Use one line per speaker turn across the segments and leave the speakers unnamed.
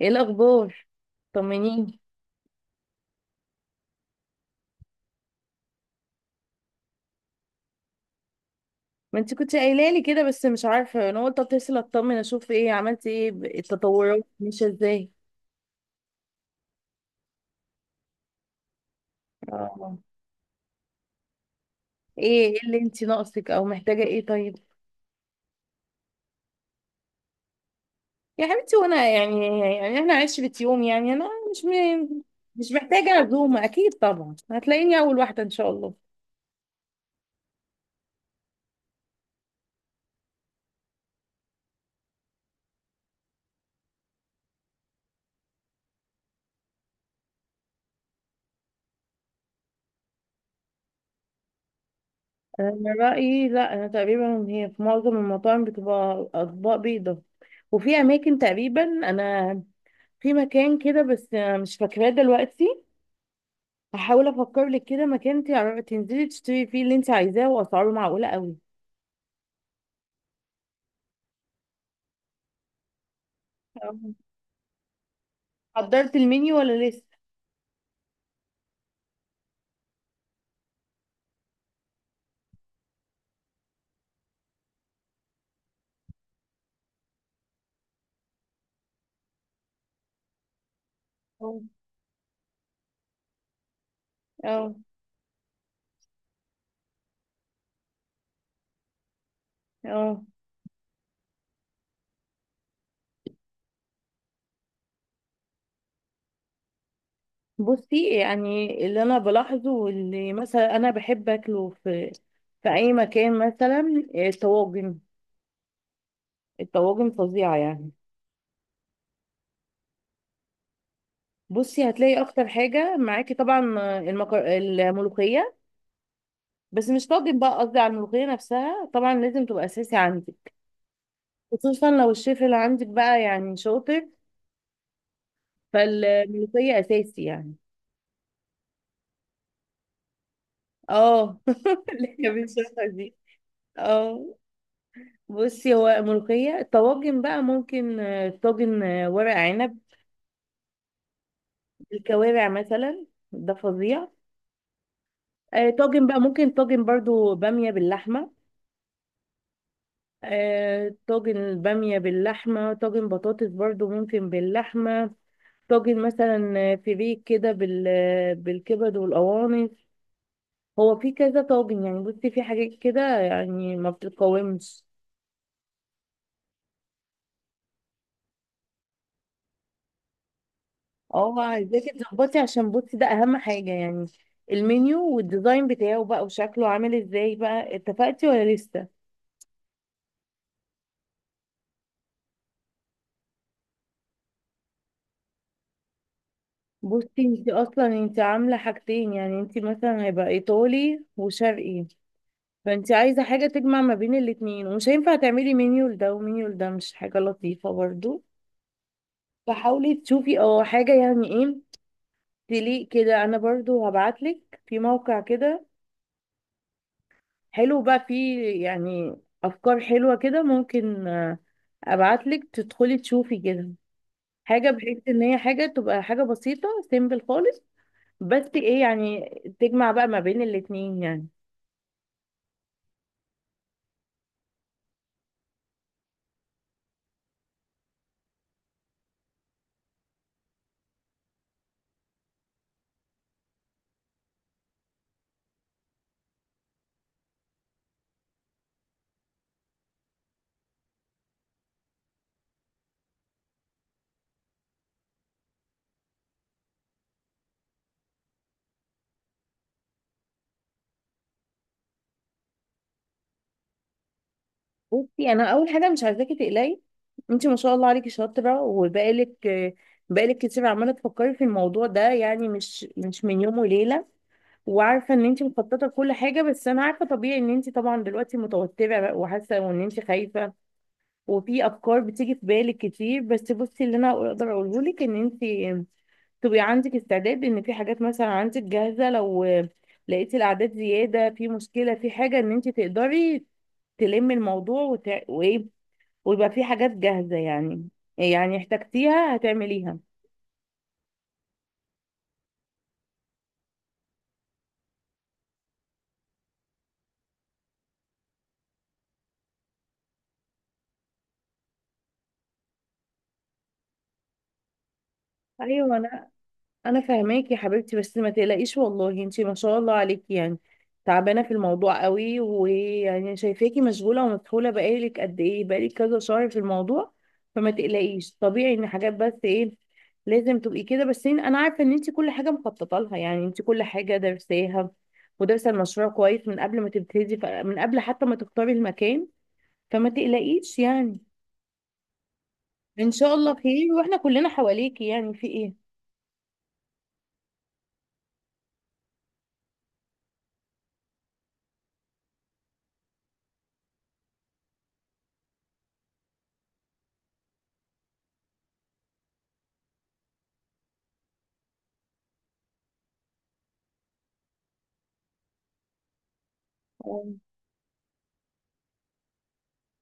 ايه الاخبار؟ طمنيني. ما انت كنت قايله لي كده، بس مش عارفه. انا قلت اتصل اطمن اشوف ايه عملتي، ايه التطورات؟ ماشيه ازاي؟ اه. ايه اللي انت ناقصك او محتاجه؟ ايه طيب؟ يا حبيبتي، وانا يعني احنا عشرة يوم يعني انا مش م... مش محتاجه عزومه، اكيد طبعا هتلاقيني اول واحده ان شاء الله. انا رايي لا. انا تقريبا، هي في معظم المطاعم بتبقى اطباق بيضه. وفي اماكن تقريبا، انا في مكان كده بس مش فاكراه دلوقتي. هحاول افكر لك كده مكان تنزلي تشتري فيه اللي انت عايزاه، واسعاره معقوله قوي. اه، حضرت المنيو ولا لسه؟ اه. اه. اه. بصي، يعني اللي انا بلاحظه واللي مثلا انا بحب اكله في اي مكان، مثلا الطواجن. الطواجن فظيعه يعني. بصي، هتلاقي اكتر حاجه معاكي طبعا الملوخيه. بس مش طاجن بقى، قصدي على الملوخيه نفسها. طبعا لازم تبقى اساسي عندك. خصوصا لو الشيف اللي عندك بقى يعني شاطر، فالملوخية أساسي يعني. اه. اللي احنا بنشوفها دي. اه. بصي، هو ملوخية. الطواجن بقى ممكن طاجن، ورق عنب. الكوارع مثلا، ده فظيع. طاجن بقى ممكن طاجن برضو بامية باللحمة. طاجن البامية باللحمة. طاجن بطاطس برضو ممكن باللحمة. طاجن مثلا فريك كده بالكبد والقوانص. هو في كذا طاجن يعني. بصي، في حاجات كده يعني ما بتتقاومش. اه، عايزاكي تظبطي، عشان بصي ده اهم حاجة يعني. المنيو والديزاين بتاعه بقى وشكله عامل ازاي، بقى اتفقتي ولا لسه؟ بصي، انت اصلا انت عاملة حاجتين يعني. انت مثلا هيبقى ايطالي وشرقي. فانت عايزة حاجة تجمع ما بين الاتنين، ومش هينفع تعملي منيو لده ومنيو لده، مش حاجة لطيفة برضو. فحاولي تشوفي اه حاجة يعني ايه تليق كده. انا برضو هبعتلك في موقع كده حلو، بقى فيه يعني افكار حلوة كده. ممكن ابعتلك تدخلي تشوفي كده. حاجه، بحيث ان هي حاجه تبقى حاجه بسيطه، سيمبل خالص، بس ايه يعني، تجمع بقى ما بين الاتنين يعني. بصي، انا اول حاجه مش عايزاكي تقلقي. انت ما شاء الله عليكي شاطره، وبقالك بقالك كتير عماله تفكري في الموضوع ده يعني، مش من يوم وليله. وعارفه ان انت مخططه لكل حاجه. بس انا عارفه طبيعي ان انت طبعا دلوقتي متوتره بقى وحاسه وان انت خايفه. وفي افكار بتيجي في بالك كتير. بس بصي، اللي انا اقدر اقوله لك، ان انت تبقي عندك استعداد ان في حاجات مثلا عندك جاهزه. لو لقيتي الاعداد زياده، في مشكله في حاجه، ان انت تقدري تلمي الموضوع وايه، ويبقى في حاجات جاهزه يعني احتجتيها هتعمليها. ايوه، انا فاهماك يا حبيبتي. بس ما تقلقيش والله، انتي ما شاء الله عليكي يعني. تعبانه في الموضوع قوي، ويعني شايفاكي مشغوله ومسحوله بقالك قد ايه، بقالك كذا شهر في الموضوع. فما تقلقيش، طبيعي ان حاجات بس ايه لازم تبقي كده. بس انا عارفه ان انتي كل حاجه مخططه لها يعني، انتي كل حاجه درساها. ودارسه المشروع كويس من قبل ما تبتدي، من قبل حتى ما تختاري المكان. فما تقلقيش يعني. ان شاء الله خير، واحنا كلنا حواليكي يعني، في ايه.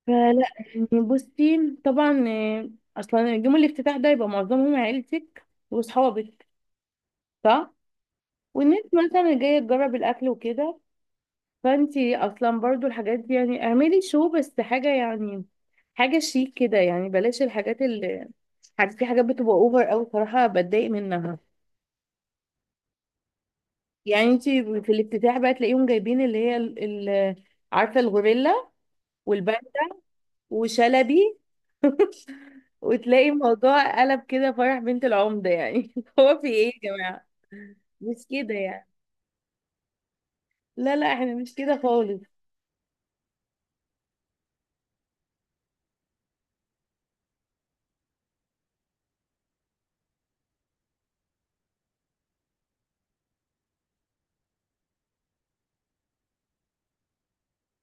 فلا يعني، بصي، طبعا، اصلا يوم الافتتاح ده يبقى معظمهم عيلتك واصحابك، صح؟ والناس مثلا جايه تجرب الاكل وكده. فانتي اصلا برضو الحاجات دي يعني، اعملي شو بس حاجه يعني، حاجه شيك كده يعني. بلاش الحاجات اللي في حاجات بتبقى اوفر قوي صراحه، بتضايق منها. يعني انتي في الافتتاح بقى تلاقيهم جايبين اللي هي عارفه الغوريلا والبنك وشلبي. وتلاقي الموضوع قلب كده فرح بنت العمدة يعني. هو في ايه يا جماعة؟ مش كده يعني. لا، لا، احنا مش كده خالص.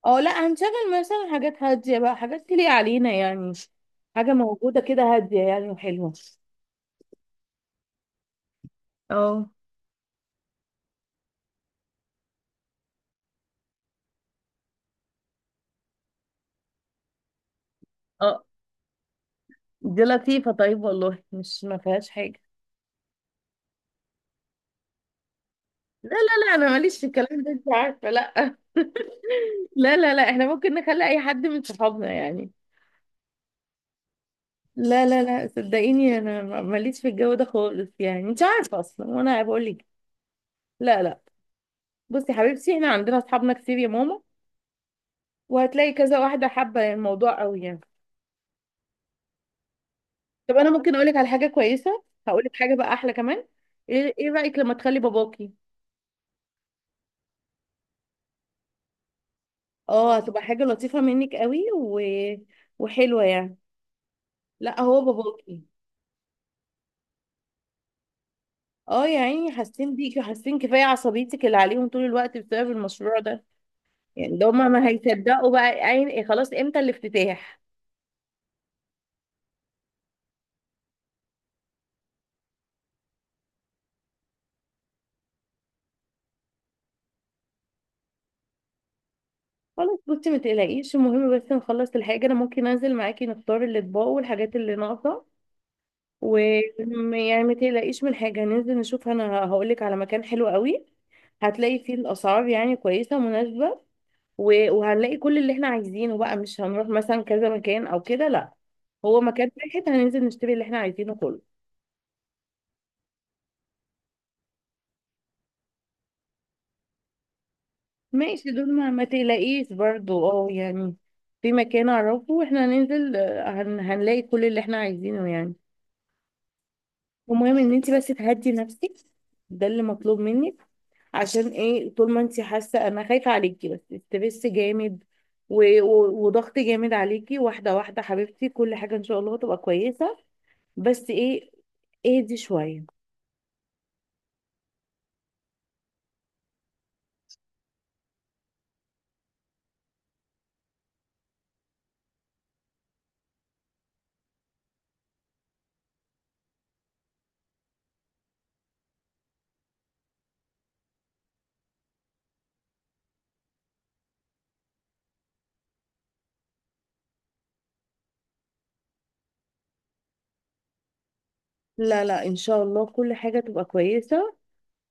اه، لا، هنشغل مثلا حاجات هادية بقى، حاجات تليق علينا يعني، حاجة موجودة كده هادية يعني وحلوة. اه. اه، دي لطيفة. طيب والله، مش ما فيهاش حاجة. لا، لا، لا، انا ماليش في الكلام ده، انت عارفة. لا. لا، لا، لا، احنا ممكن نخلي اي حد من صحابنا يعني. لا، لا، لا، صدقيني، انا ماليش في الجو ده خالص يعني، انت عارفة اصلا وانا بقول لك. لا، لا. بصي يا حبيبتي، احنا عندنا اصحابنا كتير يا ماما، وهتلاقي كذا واحده حابه الموضوع قوي يعني. طب، انا ممكن اقولك على حاجه كويسه، هقولك حاجه بقى احلى كمان. ايه رايك لما تخلي باباكي؟ اه، هتبقى حاجه لطيفه منك قوي وحلوه يعني. لا، هو باباكي. اه، يا عيني، حاسين بيكي وحاسين كفايه عصبيتك اللي عليهم طول الوقت بسبب المشروع ده. يعني ده هما ما هيصدقوا بقى، عين إيه خلاص، امتى الافتتاح؟ خلاص بصي، ما تقلقيش. المهم بس نخلص الحاجه، انا ممكن انزل معاكي نختار الاطباق والحاجات اللي ناقصه. ويعني ما تقلقيش من حاجة. ننزل نشوف، انا هقولك على مكان حلو قوي. هتلاقي فيه الاسعار يعني كويسة مناسبة، وهنلاقي كل اللي احنا عايزينه بقى. مش هنروح مثلا كذا مكان او كده، لا. هو مكان واحد هننزل نشتري اللي احنا عايزينه كله. ماشي، دول ما تقلقيش برضو اه يعني. في مكان اعرفه، واحنا هننزل، هنلاقي كل اللي احنا عايزينه يعني. المهم ان انت بس تهدي نفسك، ده اللي مطلوب منك. عشان ايه، طول ما انت حاسه، انا خايفه عليكي، بس ستريس جامد وضغط جامد عليكي. واحده واحده حبيبتي، كل حاجه ان شاء الله تبقى كويسه، بس ايه، اهدي شويه. لا، لا، ان شاء الله كل حاجه تبقى كويسه.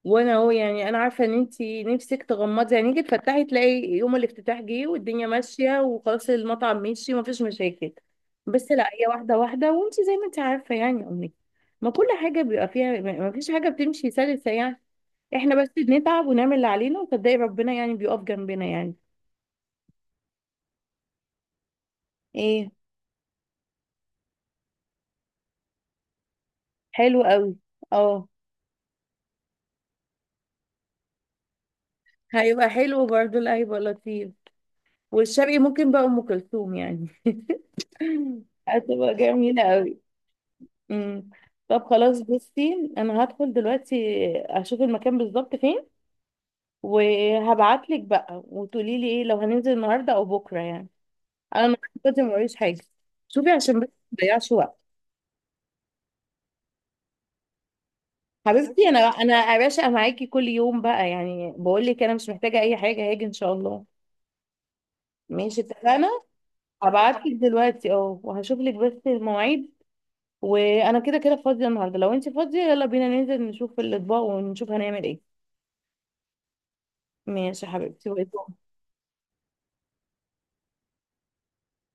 وانا اهو يعني، انا عارفه ان انت نفسك تغمضي عينيكي تفتحي تلاقي يوم الافتتاح جه، والدنيا ماشيه وخلاص، المطعم ماشي ومفيش مشاكل. بس لا، هي واحده واحده، وانت زي ما انت عارفه يعني يا امي، ما كل حاجه بيبقى فيها، ما فيش حاجه بتمشي سلسه يعني. احنا بس بنتعب ونعمل اللي علينا، وصدقي ربنا يعني بيقف جنبنا يعني. ايه. حلو قوي. اه، هيبقى حلو برضه، لا هيبقى لطيف. والشرقي ممكن بقى ام كلثوم يعني. هتبقى جميلة قوي. امم طب خلاص، بصي، انا هدخل دلوقتي اشوف المكان بالظبط فين. وهبعتلك بقى، وتقولي لي ايه لو هننزل النهارده او بكره يعني. انا النهارده فاضية، موريش حاجه. شوفي عشان بس ما تضيعش وقت. حبيبتي، انا يا باشا معاكي كل يوم بقى يعني، بقول لك انا مش محتاجه اي حاجه، هاجي ان شاء الله. ماشي، اتفقنا. هبعت لك دلوقتي اه، وهشوف لك بس المواعيد. وانا كده كده فاضيه النهارده، لو انت فاضيه يلا بينا ننزل نشوف الاطباق ونشوف هنعمل ايه. ماشي يا حبيبتي.